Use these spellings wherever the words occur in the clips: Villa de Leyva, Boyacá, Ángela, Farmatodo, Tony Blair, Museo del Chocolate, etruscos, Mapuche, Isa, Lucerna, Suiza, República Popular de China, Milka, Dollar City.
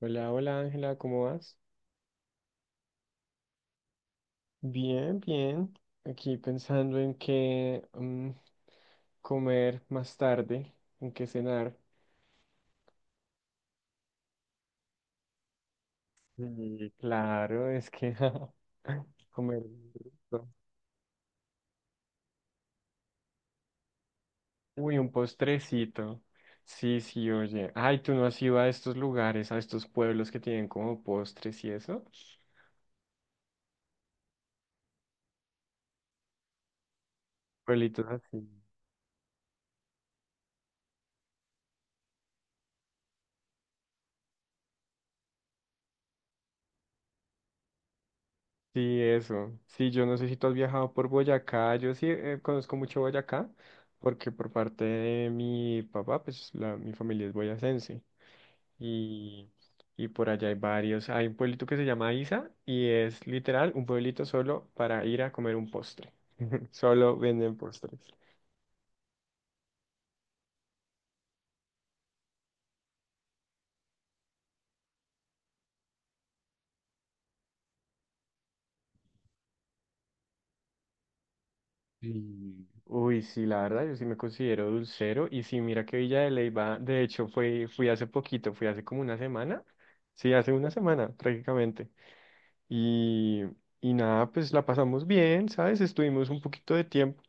Hola, hola Ángela, ¿cómo vas? Bien, bien. Aquí pensando en qué comer más tarde, en qué cenar. Sí, claro, es que comer rico. Uy, un postrecito. Sí, sí, oye. Ay, ¿tú no has ido a estos lugares, a estos pueblos que tienen como postres y eso? Pueblitos así. Sí, eso. Sí, yo no sé si tú has viajado por Boyacá. Yo sí, conozco mucho Boyacá porque por parte de mi papá, pues la, mi familia es boyacense. Y, y por allá hay varios. Hay un pueblito que se llama Isa y es literal un pueblito solo para ir a comer un postre. Solo venden postres. Y, uy, sí, la verdad, yo sí me considero dulcero. Y sí, mira que Villa de Leyva, de hecho, fui hace poquito, fui hace como una semana. Sí, hace una semana prácticamente. Y, y nada, pues la pasamos bien, ¿sabes? Estuvimos un poquito de tiempo.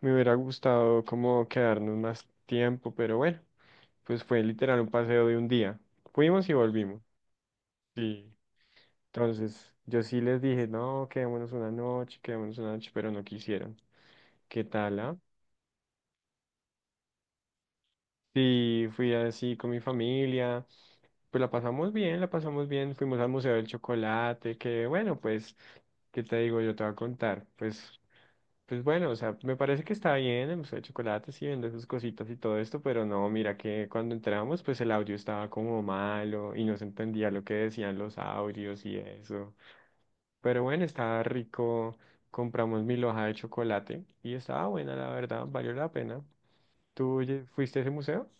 Me hubiera gustado como quedarnos más tiempo, pero bueno, pues fue literal un paseo de un día. Fuimos y volvimos. Sí. Entonces, yo sí les dije, no, quedémonos una noche, pero no quisieron. ¿Qué tal, ah? Sí, fui así con mi familia. Pues la pasamos bien, la pasamos bien. Fuimos al Museo del Chocolate, que bueno, pues, ¿qué te digo? Yo te voy a contar. Pues bueno, o sea, me parece que está bien el museo de chocolates y vende sus cositas y todo esto, pero no, mira que cuando entramos, pues el audio estaba como malo y no se entendía lo que decían los audios y eso. Pero bueno, estaba rico. Compramos mil hojas de chocolate y estaba buena, la verdad, valió la pena. ¿Tú fuiste a ese museo?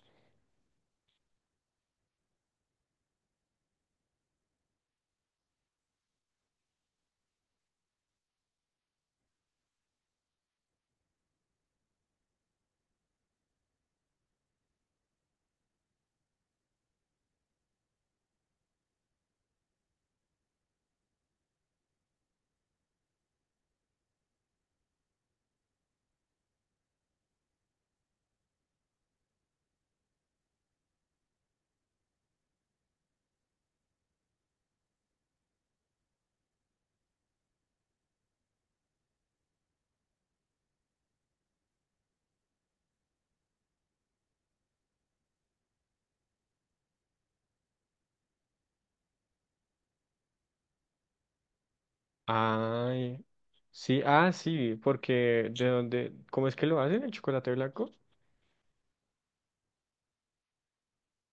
Ay, sí, ah, sí, porque de dónde, ¿cómo es que lo hacen el chocolate blanco?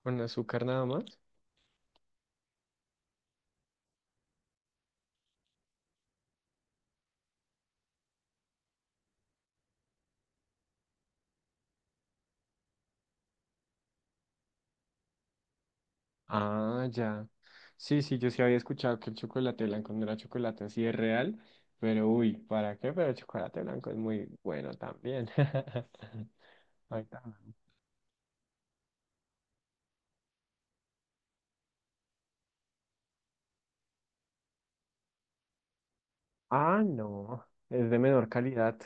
Con azúcar nada más. Ah, ya. Sí, sí, yo sí había escuchado que el chocolate blanco no era chocolate, así es real, pero uy, ¿para qué? Pero el chocolate blanco es muy bueno también. Ay, también. Ah, no, es de menor calidad.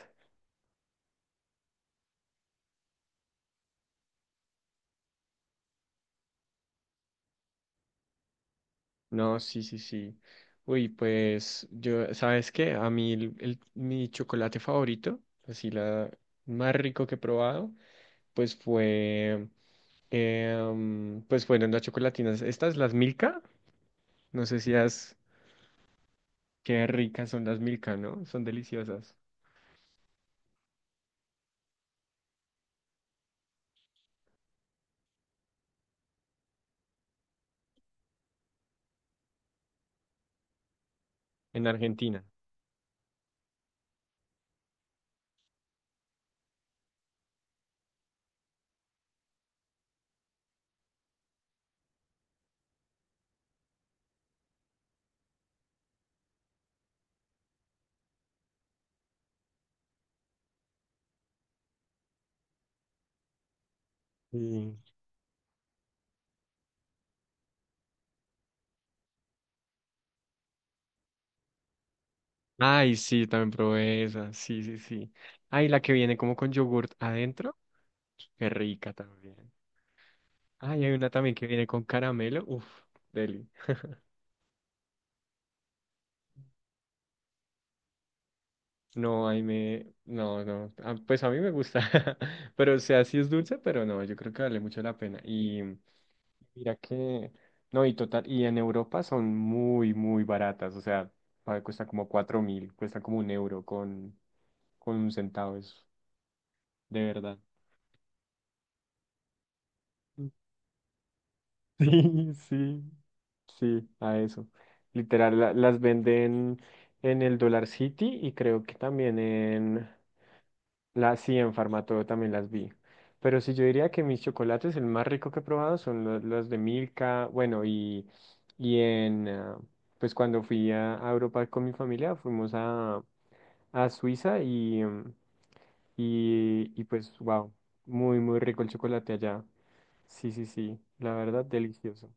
No, sí, sí, sí. Uy, pues yo, ¿sabes qué? A mí mi chocolate favorito, así la más rico que he probado, pues fue, pues fueron las chocolatinas. Estas, las Milka, no sé si has... Qué ricas son las Milka, ¿no? Son deliciosas. En Argentina. Sí. Ay, sí, también probé esa. Sí, sí, sí. Ay, la que viene como con yogurt adentro. Qué rica también. Ay, hay una también que viene con caramelo. Uf, deli. No, ahí me... No, no. Ah, pues a mí me gusta. Pero, o sea, sí es dulce, pero no, yo creo que vale mucho la pena. Y mira que... No, y total, y en Europa son muy, muy baratas. O sea, a ver, cuesta como 4.000, cuesta como un euro con un centavo, eso. De verdad. Sí, sí, sí, a eso. Literal, las venden en el Dollar City y creo que también en... La, sí, en Farmatodo también las vi. Pero sí, yo diría que mis chocolates, el más rico que he probado son los de Milka. Bueno, y en, ah, pues cuando fui a Europa con mi familia, fuimos a Suiza y, y pues, wow, muy, muy rico el chocolate allá. Sí, sí, sí, la verdad, delicioso.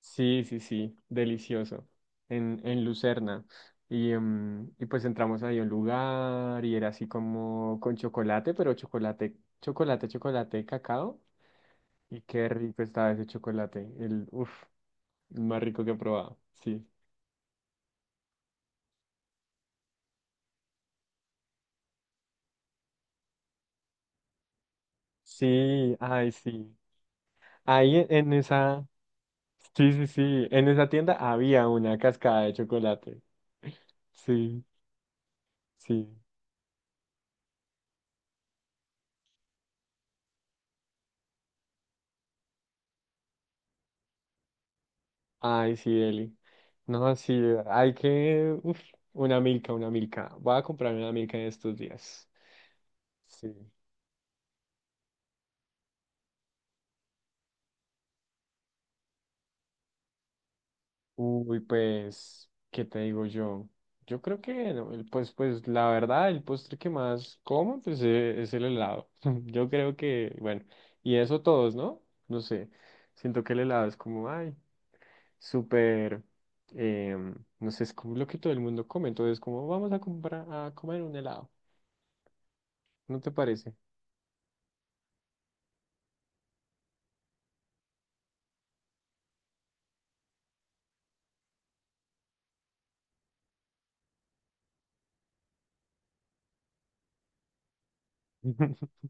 Sí, sí, sí, delicioso, en Lucerna. Y, y pues entramos ahí a un lugar y era así como con chocolate, pero chocolate, chocolate, chocolate, cacao. Y qué rico estaba ese chocolate, el, uf, el más rico que he probado, sí. Sí, ay, sí. Ahí en esa, sí, sí, sí, en esa tienda había una cascada de chocolate. Sí, sí. Ay, sí, Eli. No, sí, hay que... Uf, una milka, una milka. Voy a comprar una milka en estos días. Sí. Uy, pues, ¿qué te digo yo? Yo creo que, no, pues, pues, la verdad, el postre que más como, pues, es el helado. Yo creo que, bueno, y eso todos, ¿no? No sé. Siento que el helado es como, ay, súper, no sé, es como lo que todo el mundo come. Entonces, como, vamos a comprar, a comer un helado. ¿No te parece?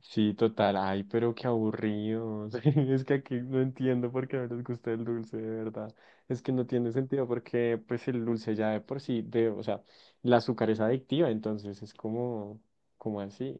Sí, total. Ay, pero qué aburridos. Es que aquí no entiendo por qué no les gusta el dulce, de verdad. Es que no tiene sentido porque pues el dulce ya de por sí, de, o sea, el azúcar es adictiva, entonces es como, como así.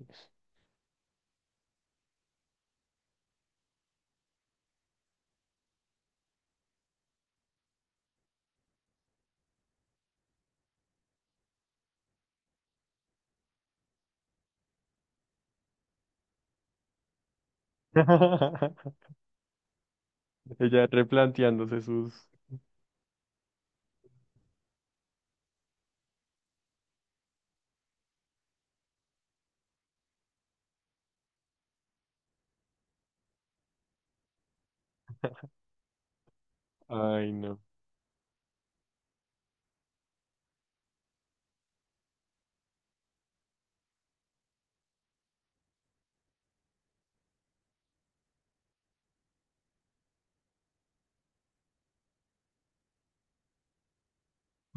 Ella replanteándose sus... Ay, no.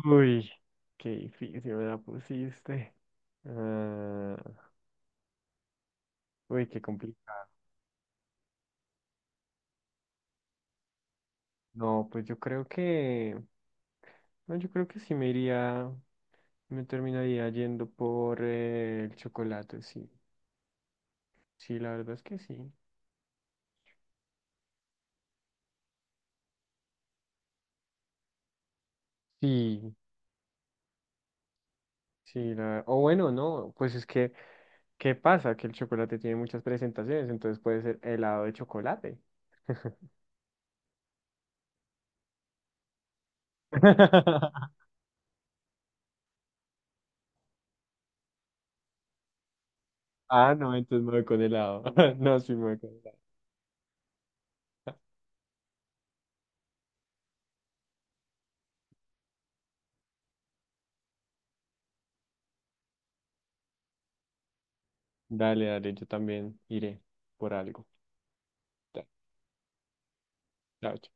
Uy, qué difícil me la pusiste. Ah, uy, qué complicado. No, pues yo creo que... No, yo creo que sí me iría, me terminaría yendo por el chocolate, sí. Sí, la verdad es que sí. Sí, sí, la... o bueno, no, pues es que, ¿qué pasa? Que el chocolate tiene muchas presentaciones, entonces puede ser helado de chocolate. Ah, no, entonces me voy con helado. No, sí me voy con helado. Dale, dale, yo también iré por algo. Da- Chao, chao.